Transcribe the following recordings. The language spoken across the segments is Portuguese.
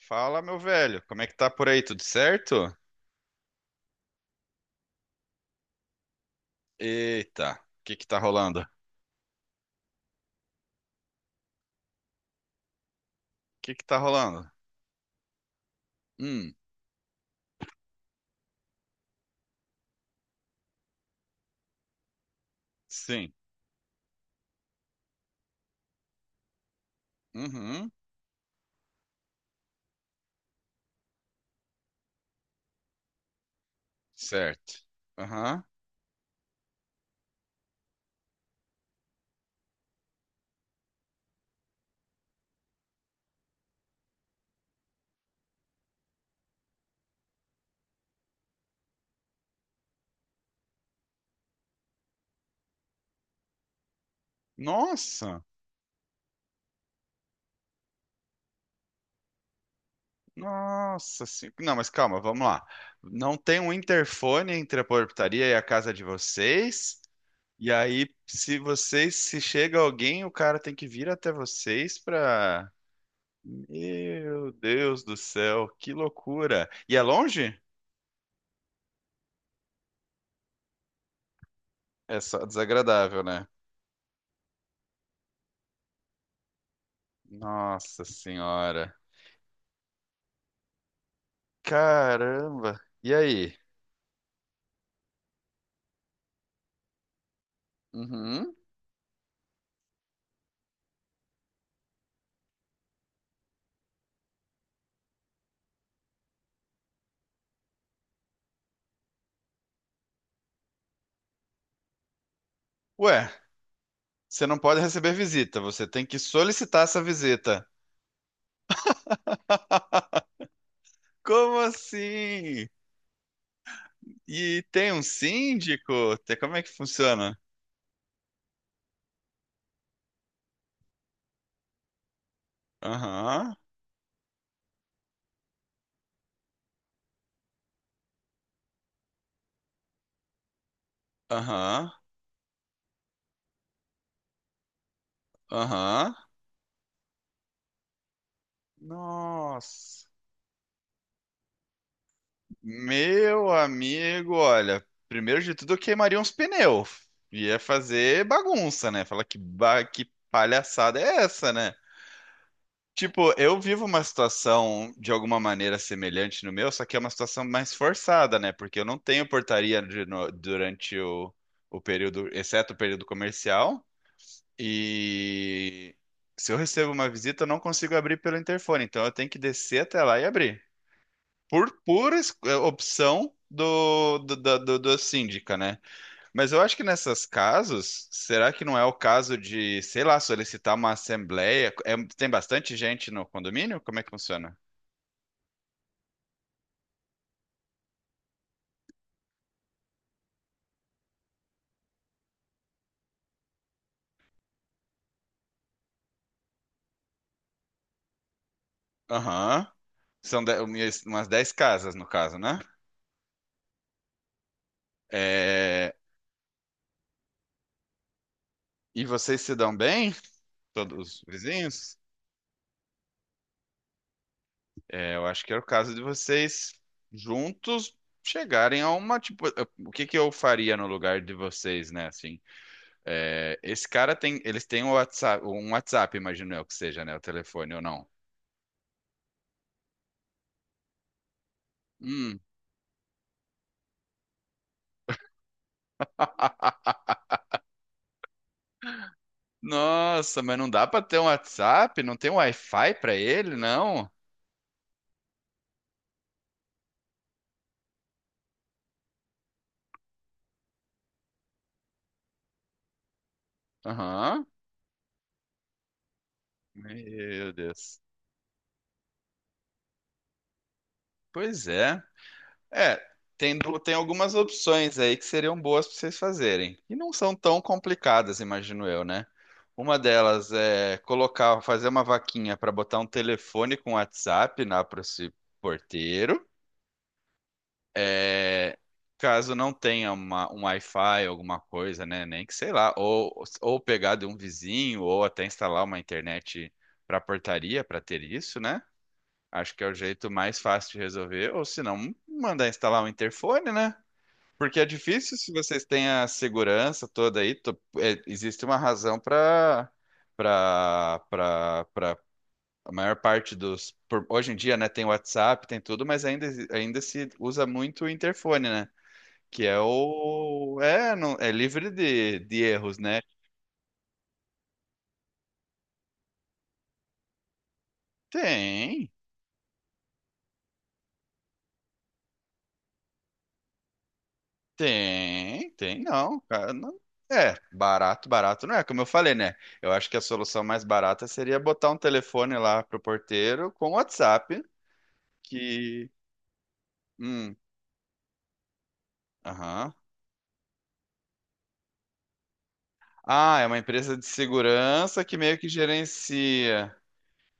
Fala, meu velho, como é que tá por aí? Tudo certo? Eita, o que que tá rolando? O que que tá rolando? Hum, sim. Uhum, certo. Aham. Nossa, nossa, sim. Não, mas calma, vamos lá. Não tem um interfone entre a portaria e a casa de vocês? E aí, se vocês, se chega alguém, o cara tem que vir até vocês pra... Meu Deus do céu, que loucura. E é longe? É só desagradável, né? Nossa senhora. Caramba. E aí? Uhum. Ué, você não pode receber visita, você tem que solicitar essa visita. Como assim? E tem um síndico? Tem- Como é que funciona? Aham, aham, aham. Nossa. Meu amigo, olha, primeiro de tudo eu queimaria uns pneus. Ia fazer bagunça, né? Falar que, ba- que palhaçada é essa, né? Tipo, eu vivo uma situação de alguma maneira semelhante no meu, só que é uma situação mais forçada, né? Porque eu não tenho portaria de no- durante o período, exceto o período comercial. E se eu recebo uma visita, eu não consigo abrir pelo interfone, então eu tenho que descer até lá e abrir. Por pura es- opção do síndica, né? Mas eu acho que nessas casos, será que não é o caso de, sei lá, solicitar uma assembleia? É- tem bastante gente no condomínio? Como é que funciona? Aham. São de- umas 10 casas, no caso, né? É, e vocês se dão bem? Todos os vizinhos? É, eu acho que era o caso de vocês juntos chegarem a uma, tipo, eu- o que que eu faria no lugar de vocês, né? Assim, é, esse cara tem, eles têm o WhatsApp, um WhatsApp, imagino eu que seja, né? O telefone ou não. Nossa, mas não dá pra ter um WhatsApp? Não tem um Wi-Fi pra ele, não? Aham. Meu Deus. Pois é. É, tem, du- tem algumas opções aí que seriam boas para vocês fazerem. E não são tão complicadas, imagino eu, né? Uma delas é colocar, fazer uma vaquinha para botar um telefone com WhatsApp lá para esse porteiro. É, caso não tenha uma, um Wi-Fi, alguma coisa, né? Nem que sei lá, ou pegar de um vizinho, ou até instalar uma internet para portaria para ter isso, né? Acho que é o jeito mais fácil de resolver, ou se não, mandar instalar um interfone, né? Porque é difícil se vocês têm a segurança toda aí, to- é, existe uma razão para para a maior parte dos por- hoje em dia, né, tem WhatsApp, tem tudo, mas ainda exi- ainda se usa muito o interfone, né? Que é o. É, não, é livre de erros, né? Tem, tem, não, cara. Não, é, barato, barato não é, como eu falei, né? Eu acho que a solução mais barata seria botar um telefone lá pro porteiro com WhatsApp, que. Hum, aham. Ah, é uma empresa de segurança que meio que gerencia.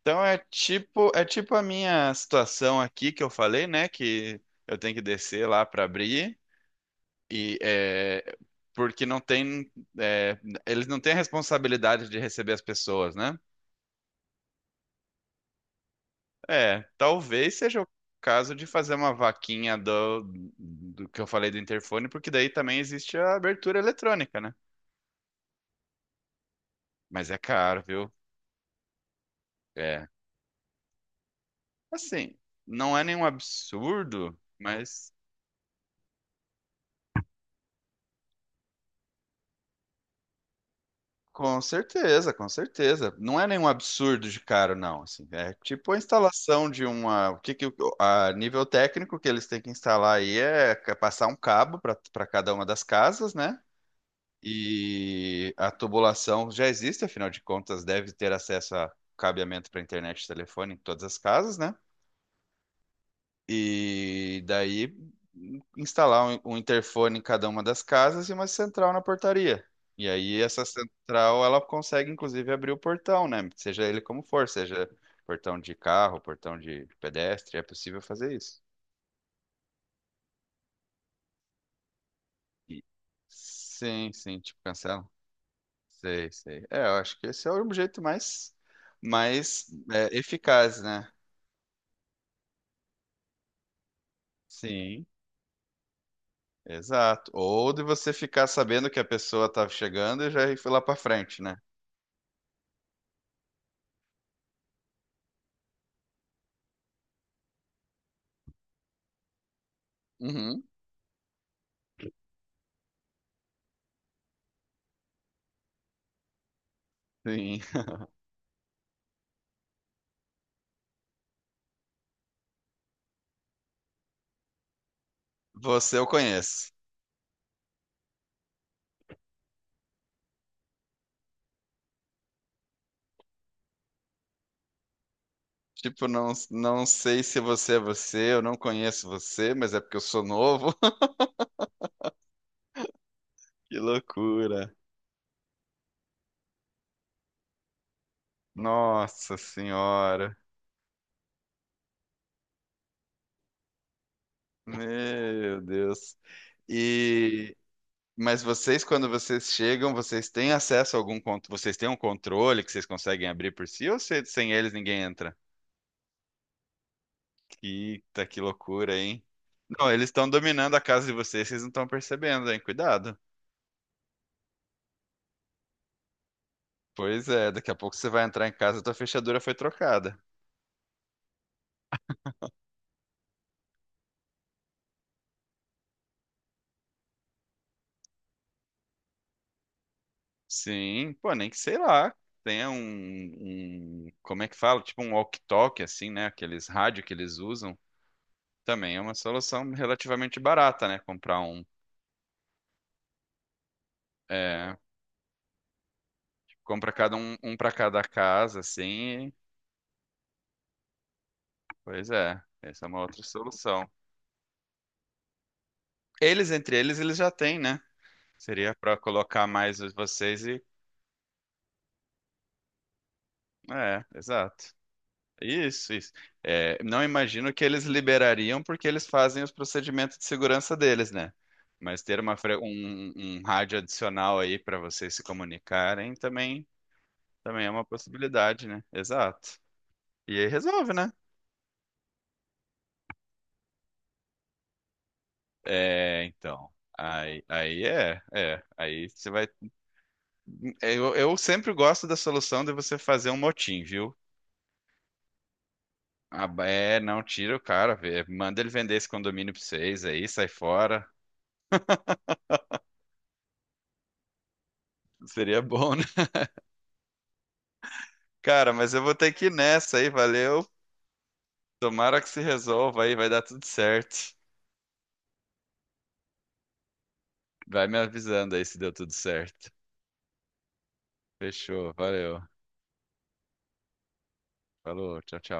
Então é tipo a minha situação aqui que eu falei, né? Que eu, tenho que descer lá para abrir. E é, porque não tem, é, eles não têm a responsabilidade de receber as pessoas, né? É, talvez seja o caso de fazer uma vaquinha do, do que eu falei do interfone, porque daí também existe a abertura eletrônica, né? Mas é caro, viu? É, assim, não é nenhum absurdo, mas com certeza, com certeza. Não é nenhum absurdo de caro, não. Assim, é tipo a instalação de uma. O que que, o- a nível técnico que eles têm que instalar aí é ca- passar um cabo para cada uma das casas, né? E a tubulação já existe, afinal de contas, deve ter acesso a cabeamento para internet e telefone em todas as casas, né? E daí instalar um interfone em cada uma das casas e uma central na portaria. E aí essa central ela consegue inclusive abrir o portão, né? Seja ele como for, seja portão de carro, portão de pedestre, é possível fazer isso. E- sim, sim, tipo cancela. Sei, sei. É, eu acho que esse é o jeito mais é, eficaz, né? Sim, exato. Ou de você ficar sabendo que a pessoa tá chegando e já ir lá pra frente, né? Uhum. Sim. Você eu conheço. Tipo, não, não sei se você é você, eu não conheço você, mas é porque eu sou novo. Que loucura. Nossa Senhora. Meu Deus. E mas vocês, quando vocês chegam, vocês têm acesso a algum controle? Vocês têm um controle que vocês conseguem abrir por si ou se- sem eles ninguém entra? Eita, que loucura, hein? Não, eles estão dominando a casa de vocês, vocês não estão percebendo, hein? Cuidado. Pois é, daqui a pouco você vai entrar em casa e tua fechadura foi trocada. Sim, pô, nem que sei lá. Tenha um, um- como é que fala? Tipo um walkie-talkie, assim, né? Aqueles rádio que eles usam. Também é uma solução relativamente barata, né? Comprar um. É, compra cada um, um para cada casa, assim. E- Pois é, essa é uma outra solução. Eles, entre eles, eles já têm, né? Seria pra colocar mais os- vocês e. É, exato. Isso, isso. É, não imagino que eles liberariam porque eles fazem os procedimentos de segurança deles, né? Mas ter uma, fre- um, um rádio adicional aí para vocês se comunicarem também, também é uma possibilidade, né? Exato. E aí resolve, né? É, então. Aí, aí é, é. Aí você vai. Eu sempre gosto da solução de você fazer um motim, viu? Ah, é, não tira o cara, vê, manda ele vender esse condomínio pra vocês aí, sai fora. Seria bom, cara, mas eu vou ter que ir nessa aí, valeu. Tomara que se resolva aí, vai dar tudo certo. Vai me avisando aí se deu tudo certo. Fechou, valeu. Falou, tchau, tchau.